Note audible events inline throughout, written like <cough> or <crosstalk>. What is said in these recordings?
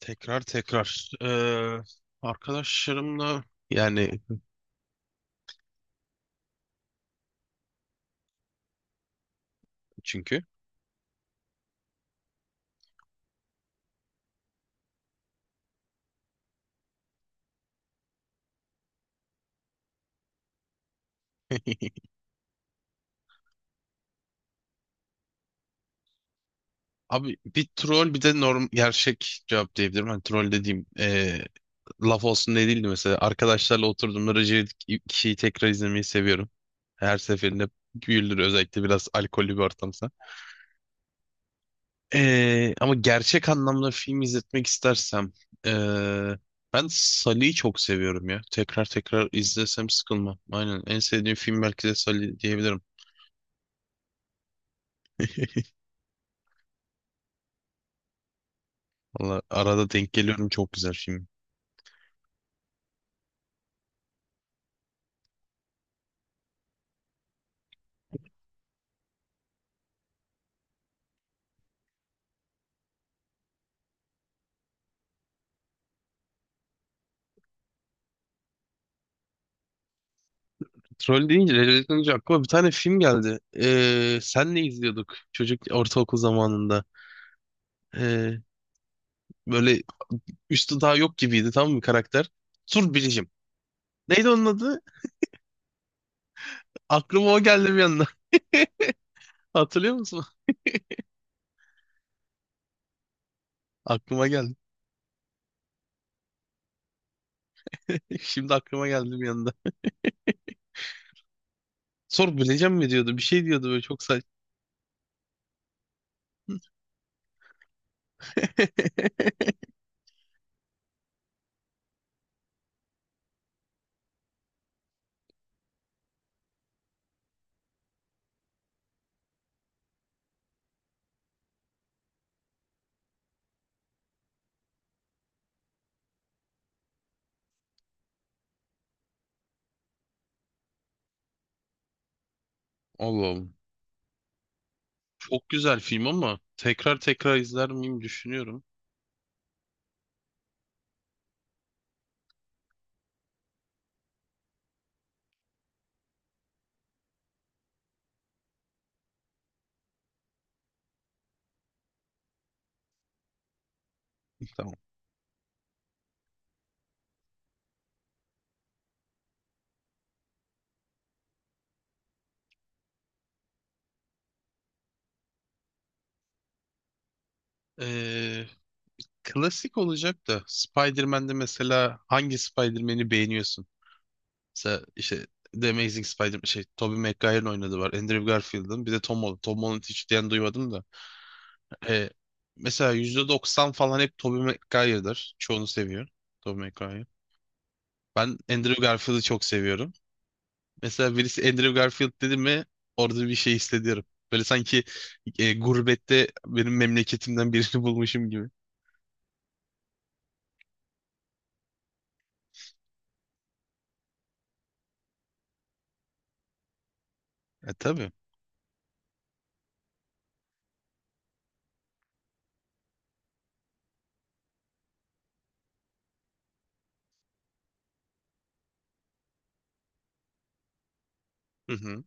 Tekrar tekrar. Arkadaşlarımla yani çünkü. <laughs> Abi bir troll bir de norm gerçek cevap diyebilirim. Hani troll dediğim laf olsun diye değildi mesela. Arkadaşlarla oturduğumda Recep kişiyi tekrar izlemeyi seviyorum. Her seferinde güldür özellikle biraz alkollü bir ortamsa. Ama gerçek anlamda film izletmek istersem ee, ben Sully'yi çok seviyorum ya. Tekrar tekrar izlesem sıkılmam. Aynen en sevdiğim film belki de Sully diyebilirim. <laughs> Valla arada denk geliyorum, çok güzel film. Troll deyince, Recep deyince aklıma bir tane film geldi. Sen ne izliyorduk çocuk ortaokul zamanında? Ee, Böyle üstü daha yok gibiydi tamam mı karakter? Tur, neydi onun adı? Aklıma o geldi bir anda. <laughs> Hatırlıyor musun? Aklıma geldi. <laughs> Şimdi aklıma geldi bir anda. Sor bileceğim mi diyordu. Bir şey diyordu böyle çok saçma. <laughs> Allah'ım. Çok güzel film ama tekrar tekrar izler miyim düşünüyorum. Tamam. Ee, Klasik olacak da Spider-Man'de mesela hangi Spider-Man'i beğeniyorsun? Mesela işte The Amazing Spider-Man şey Tobey Maguire'ın oynadığı var. Andrew Garfield'ın. Bir de Tom Holland. Tom Holland'ı hiç diyen duymadım da. E, mesela %90 falan hep Tobey Maguire'dır. Çoğunu seviyorum. Tobey Maguire. Ben Andrew Garfield'ı çok seviyorum. Mesela birisi Andrew Garfield dedi mi orada bir şey hissediyorum. Böyle sanki gurbette benim memleketimden birini <laughs> bulmuşum gibi. E tabii. Hı hı.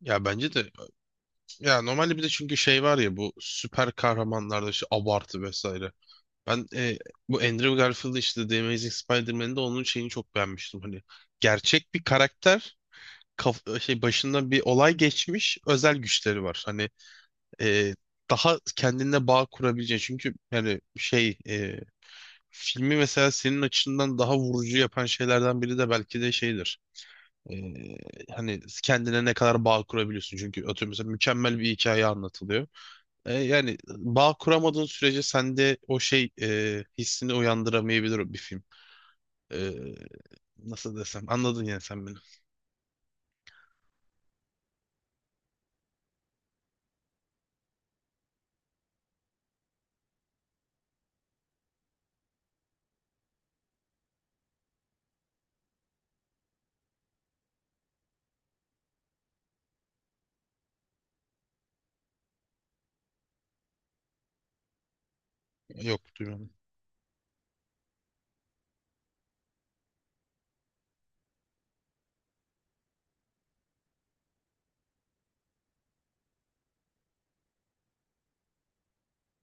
Ya bence de. Ya normalde bir de çünkü şey var ya bu süper kahramanlarda işte abartı vesaire. Ben bu Andrew Garfield'ı işte The Amazing Spider-Man'de onun şeyini çok beğenmiştim. Hani gerçek bir karakter kaf- şey başında bir olay geçmiş özel güçleri var. Hani e, daha kendine bağ kurabileceğin çünkü yani şey filmi mesela senin açından daha vurucu yapan şeylerden biri de belki de şeydir. E, Hani kendine ne kadar bağ kurabiliyorsun çünkü atıyorum mesela mükemmel bir hikaye anlatılıyor. Yani bağ kuramadığın sürece sende o şey hissini uyandıramayabilir o bir film. E, Nasıl desem anladın yani sen beni. Yok duymadım.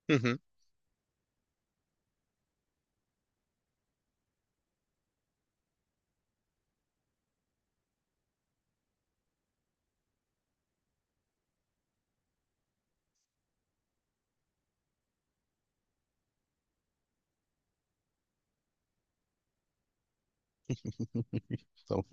Hı hı. <laughs> Tamam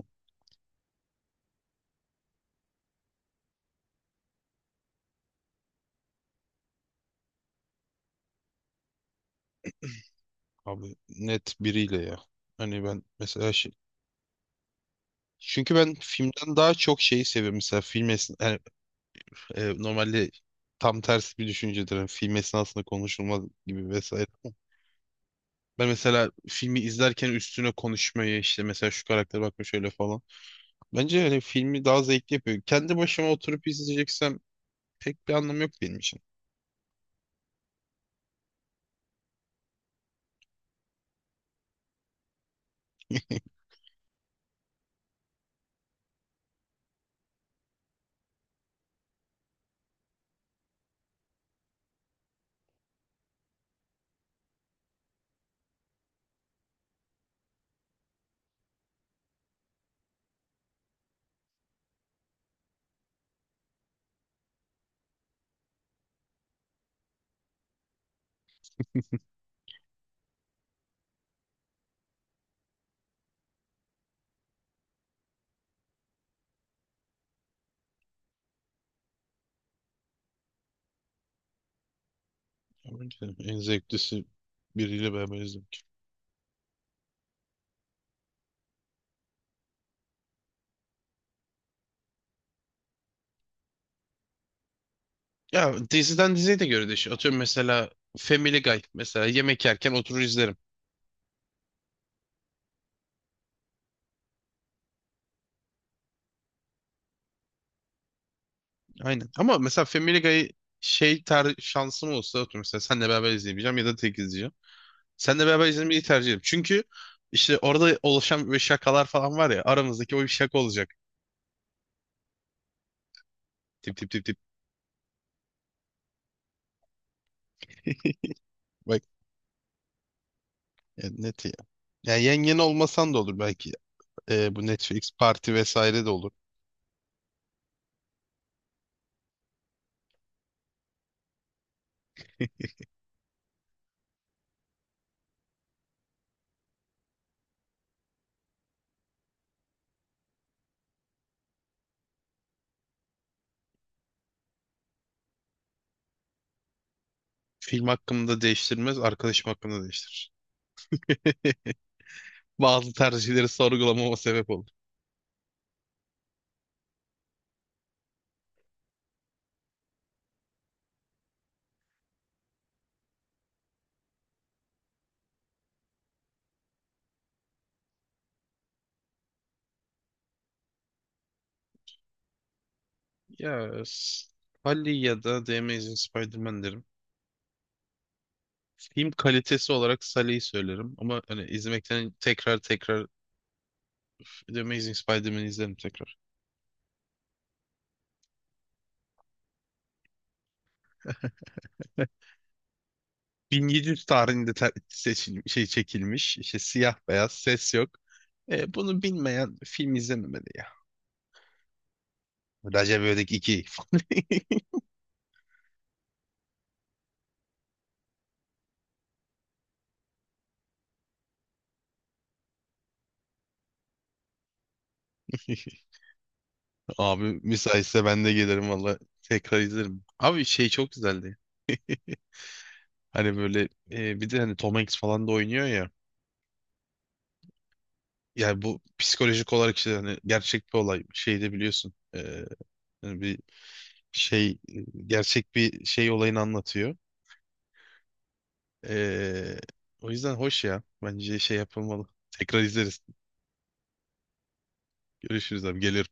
abi, net biriyle ya. Hani ben mesela şey... Çünkü ben filmden daha çok şeyi seviyorum. Mesela film esna... Yani normalde tam tersi bir düşüncedir. Yani film esnasında konuşulmaz gibi vesaire. Ben mesela filmi izlerken üstüne konuşmayı işte mesela şu karaktere bakma şöyle falan. Bence hani filmi daha zevkli yapıyor. Kendi başıma oturup izleyeceksem pek bir anlamı yok benim için. <laughs> Bence en zevklisi biriyle beraber izlemek. Ya diziden diziye de göre değişiyor. Atıyorum mesela Family Guy. Mesela yemek yerken oturur izlerim. Aynen. Ama mesela Family Guy şey ter şansım olsa atıyorum mesela senle beraber izleyebileceğim ya da tek izleyeceğim. Senle beraber izlemeyi tercih ederim. Çünkü işte orada oluşan böyle şakalar falan var ya aramızdaki, o bir şaka olacak. Tip tip tip tip. Bak ya, net ya. Yani yengen olmasan da olur belki. Bu Netflix parti vesaire de olur. Film hakkında değiştirmez, arkadaşım hakkında değiştirir. Bazı tercihleri sorgulamama sebep olur. Ya s- Sully ya da The Amazing Spider-Man derim. Film kalitesi olarak Sully'yi söylerim. Ama hani izlemekten tekrar tekrar The Amazing Spider-Man'i izlerim tekrar. 1700 tarihinde ter- seçil şey çekilmiş. İşte siyah beyaz ses yok. Bunu bilmeyen film izlememeli ya. Recep İvedik 2. <laughs> <laughs> Abi müsaitse ben de gelirim valla, tekrar izlerim. Abi şey çok güzeldi. Hani böyle bir de hani Tom Hanks falan da oynuyor ya. Yani bu psikolojik olarak işte hani gerçek bir olay. Şey de biliyorsun. Hani bir şey gerçek bir şey olayını anlatıyor. E, O yüzden hoş ya. Bence şey yapılmalı. Tekrar izleriz. Görüşürüz abi. Gelirim.